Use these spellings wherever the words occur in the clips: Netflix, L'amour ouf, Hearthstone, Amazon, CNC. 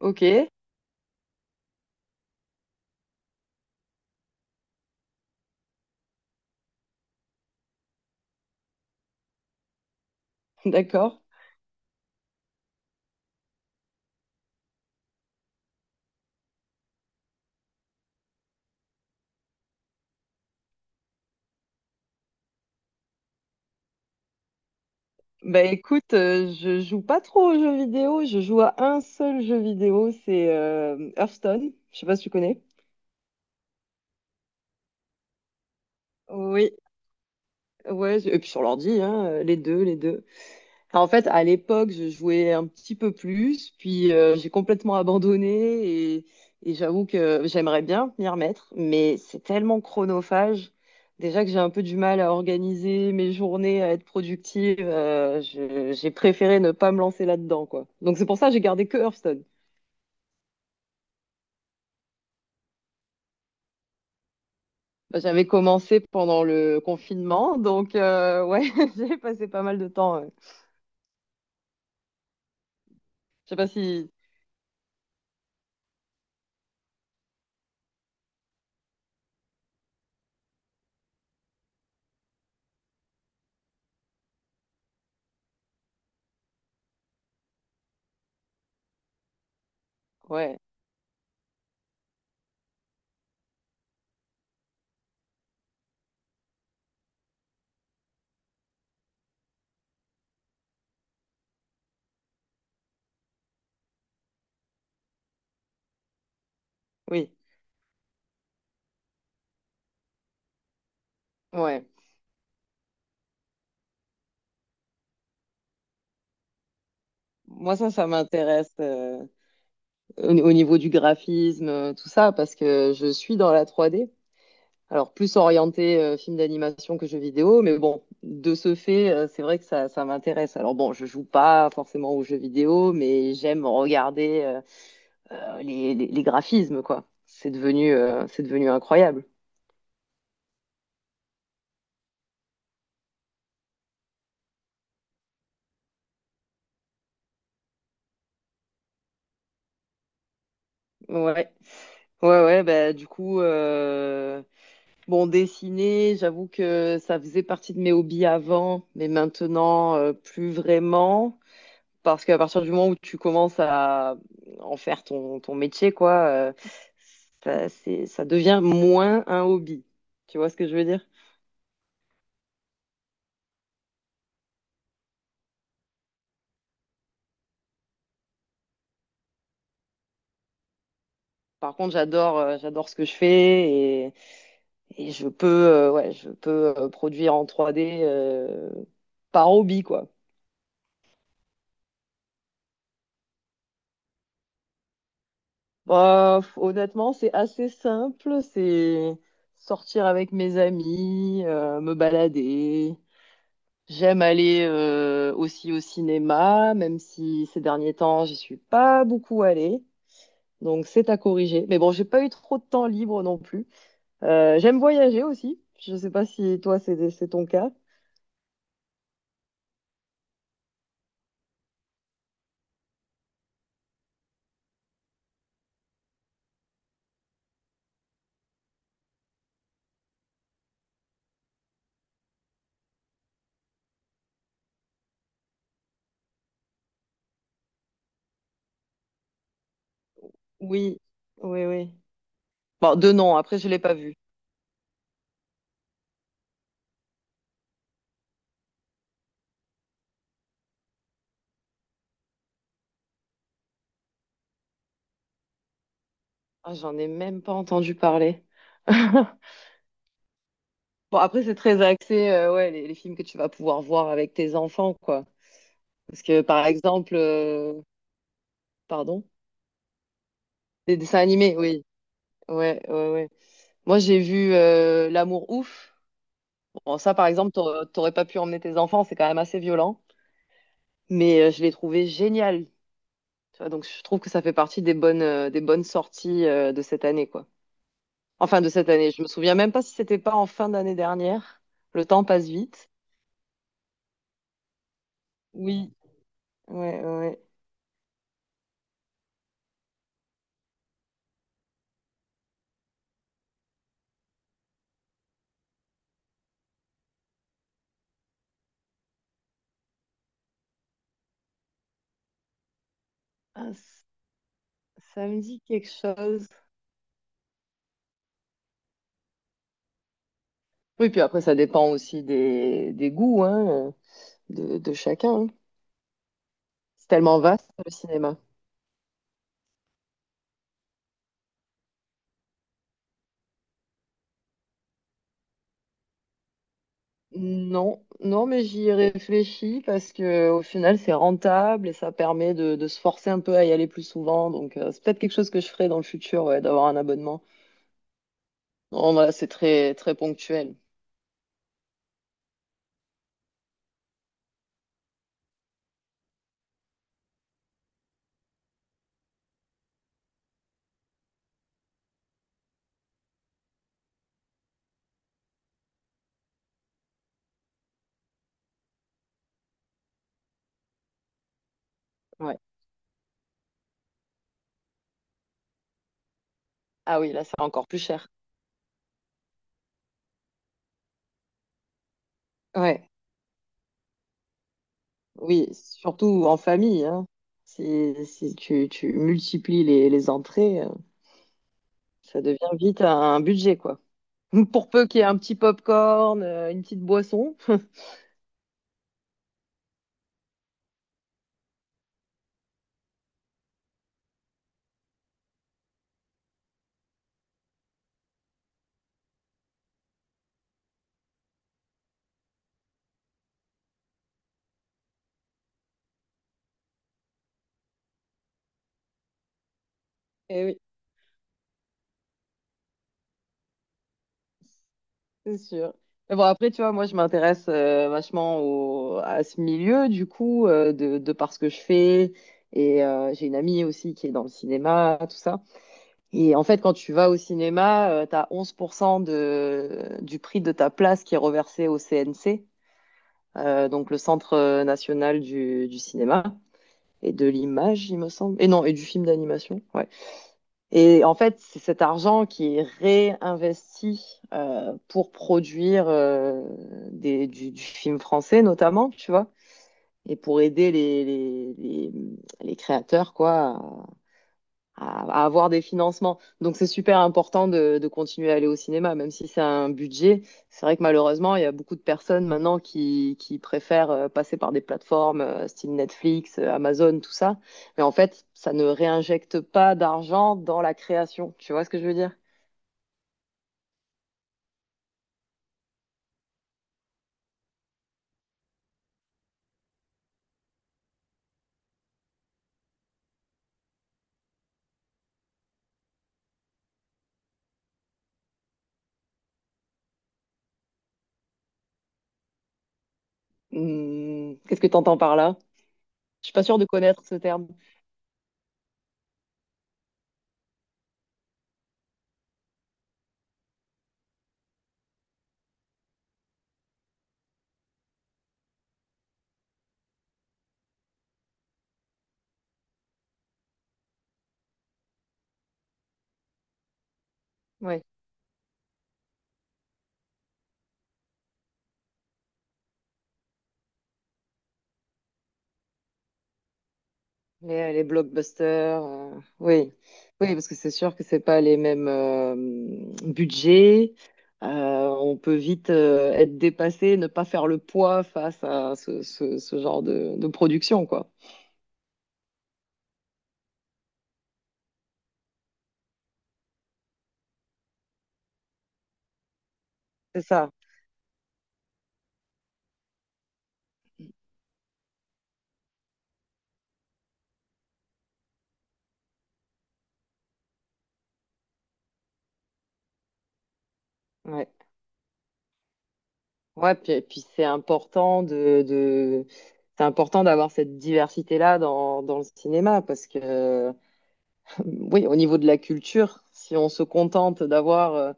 Ok, d'accord. Bah écoute, je joue pas trop aux jeux vidéo, je joue à un seul jeu vidéo, c'est Hearthstone, je sais pas si tu connais. Oui, ouais, et puis sur l'ordi, hein, les deux. En fait, à l'époque, je jouais un petit peu plus, puis j'ai complètement abandonné et, et j'avoue que j'aimerais bien m'y remettre, mais c'est tellement chronophage. Déjà que j'ai un peu du mal à organiser mes journées, à être productive, j'ai préféré ne pas me lancer là-dedans, quoi. Donc c'est pour ça que j'ai gardé que Hearthstone. Bah, j'avais commencé pendant le confinement, donc ouais, j'ai passé pas mal de temps. Je sais pas si... Ouais, oui, ouais. Moi, ça m'intéresse, au niveau du graphisme, tout ça, parce que je suis dans la 3D. Alors, plus orienté film d'animation que jeu vidéo, mais bon, de ce fait, c'est vrai que ça m'intéresse. Alors bon, je joue pas forcément aux jeux vidéo, mais j'aime regarder les graphismes, quoi. C'est devenu incroyable. Ouais. Ouais, ouais, bah, du coup, bon, dessiner, j'avoue que ça faisait partie de mes hobbies avant, mais maintenant, plus vraiment. Parce qu'à partir du moment où tu commences à en faire ton métier, quoi, ça, ça devient moins un hobby. Tu vois ce que je veux dire? Par contre, j'adore ce que je fais et je peux, euh, produire en 3D par hobby, quoi. Bah, honnêtement, c'est assez simple. C'est sortir avec mes amis, me balader, j'aime aller aussi au cinéma, même si ces derniers temps, j'y suis pas beaucoup allée. Donc c'est à corriger. Mais bon, j'ai pas eu trop de temps libre non plus. J'aime voyager aussi. Je sais pas si toi, c'est ton cas. Oui, oui, oui. Bon, deux nom, après, je l'ai pas vu. Ah, j'en ai même pas entendu parler. Bon, après, c'est très axé, ouais, les films que tu vas pouvoir voir avec tes enfants, quoi. Parce que, par exemple, pardon, des dessins animés, oui. Ouais, ouais, ouais. Moi, j'ai vu L'amour ouf. Bon, ça, par exemple, t'aurais pas pu emmener tes enfants, c'est quand même assez violent. Mais je l'ai trouvé génial. Tu vois, donc, je trouve que ça fait partie des bonnes sorties de cette année, quoi. Enfin, de cette année. Je me souviens même pas si c'était pas en fin d'année dernière. Le temps passe vite. Oui, ouais, ouais. Ah, ça me dit quelque chose. Oui, puis après, ça dépend aussi des goûts, hein, de chacun, hein. C'est tellement vaste, le cinéma. Non, non, mais j'y ai réfléchi parce que au final c'est rentable et ça permet de se forcer un peu à y aller plus souvent. Donc c'est peut-être quelque chose que je ferai dans le futur, ouais, d'avoir un abonnement. Non, voilà, c'est très très ponctuel. Ouais. Ah oui, là c'est encore plus cher. Ouais. Oui, surtout en famille, hein. Si, tu multiplies les entrées, ça devient vite un budget, quoi. Pour peu qu'il y ait un petit pop-corn, une petite boisson. Eh oui. C'est sûr. Mais bon, après, tu vois, moi, je m'intéresse vachement à ce milieu, du coup, de par ce que je fais. Et j'ai une amie aussi qui est dans le cinéma, tout ça. Et en fait, quand tu vas au cinéma, tu as 11% du prix de ta place qui est reversé au CNC, donc le Centre national du cinéma et de l'image, il me semble. Et non, et du film d'animation. Ouais. Et en fait, c'est cet argent qui est réinvesti pour produire du film français notamment, tu vois, et pour aider les créateurs quoi à avoir des financements. Donc c'est super important de continuer à aller au cinéma, même si c'est un budget. C'est vrai que malheureusement, il y a beaucoup de personnes maintenant qui préfèrent passer par des plateformes style Netflix, Amazon, tout ça. Mais en fait, ça ne réinjecte pas d'argent dans la création. Tu vois ce que je veux dire? Hmm, qu'est-ce que tu entends par là? Je suis pas sûre de connaître ce terme. Ouais. Les blockbusters, oui. Oui, parce que c'est sûr que c'est pas les mêmes budgets. Euh, on peut vite être dépassé, ne pas faire le poids face à ce, ce genre de production, quoi. C'est ça. Ouais. Ouais, puis c'est important c'est important d'avoir cette diversité-là dans, dans le cinéma, parce que, oui, au niveau de la culture, si on se contente d'avoir euh,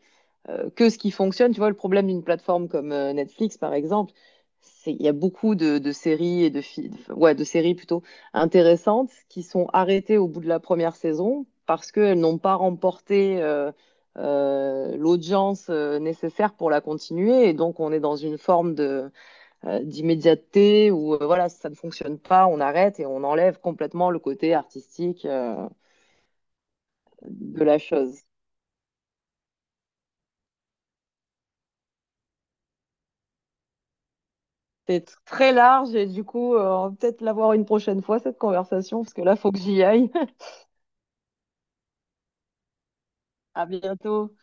euh, que ce qui fonctionne. Tu vois, le problème d'une plateforme comme Netflix, par exemple, c'est il y a beaucoup de séries et enfin, ouais, de séries plutôt intéressantes qui sont arrêtées au bout de la première saison parce qu'elles n'ont pas remporté l'audience nécessaire pour la continuer. Et donc, on est dans une forme de d'immédiateté où, voilà, ça ne fonctionne pas, on arrête et on enlève complètement le côté artistique de la chose. C'est très large et du coup, on va peut-être l'avoir une prochaine fois, cette conversation, parce que là, faut que j'y aille. À bientôt.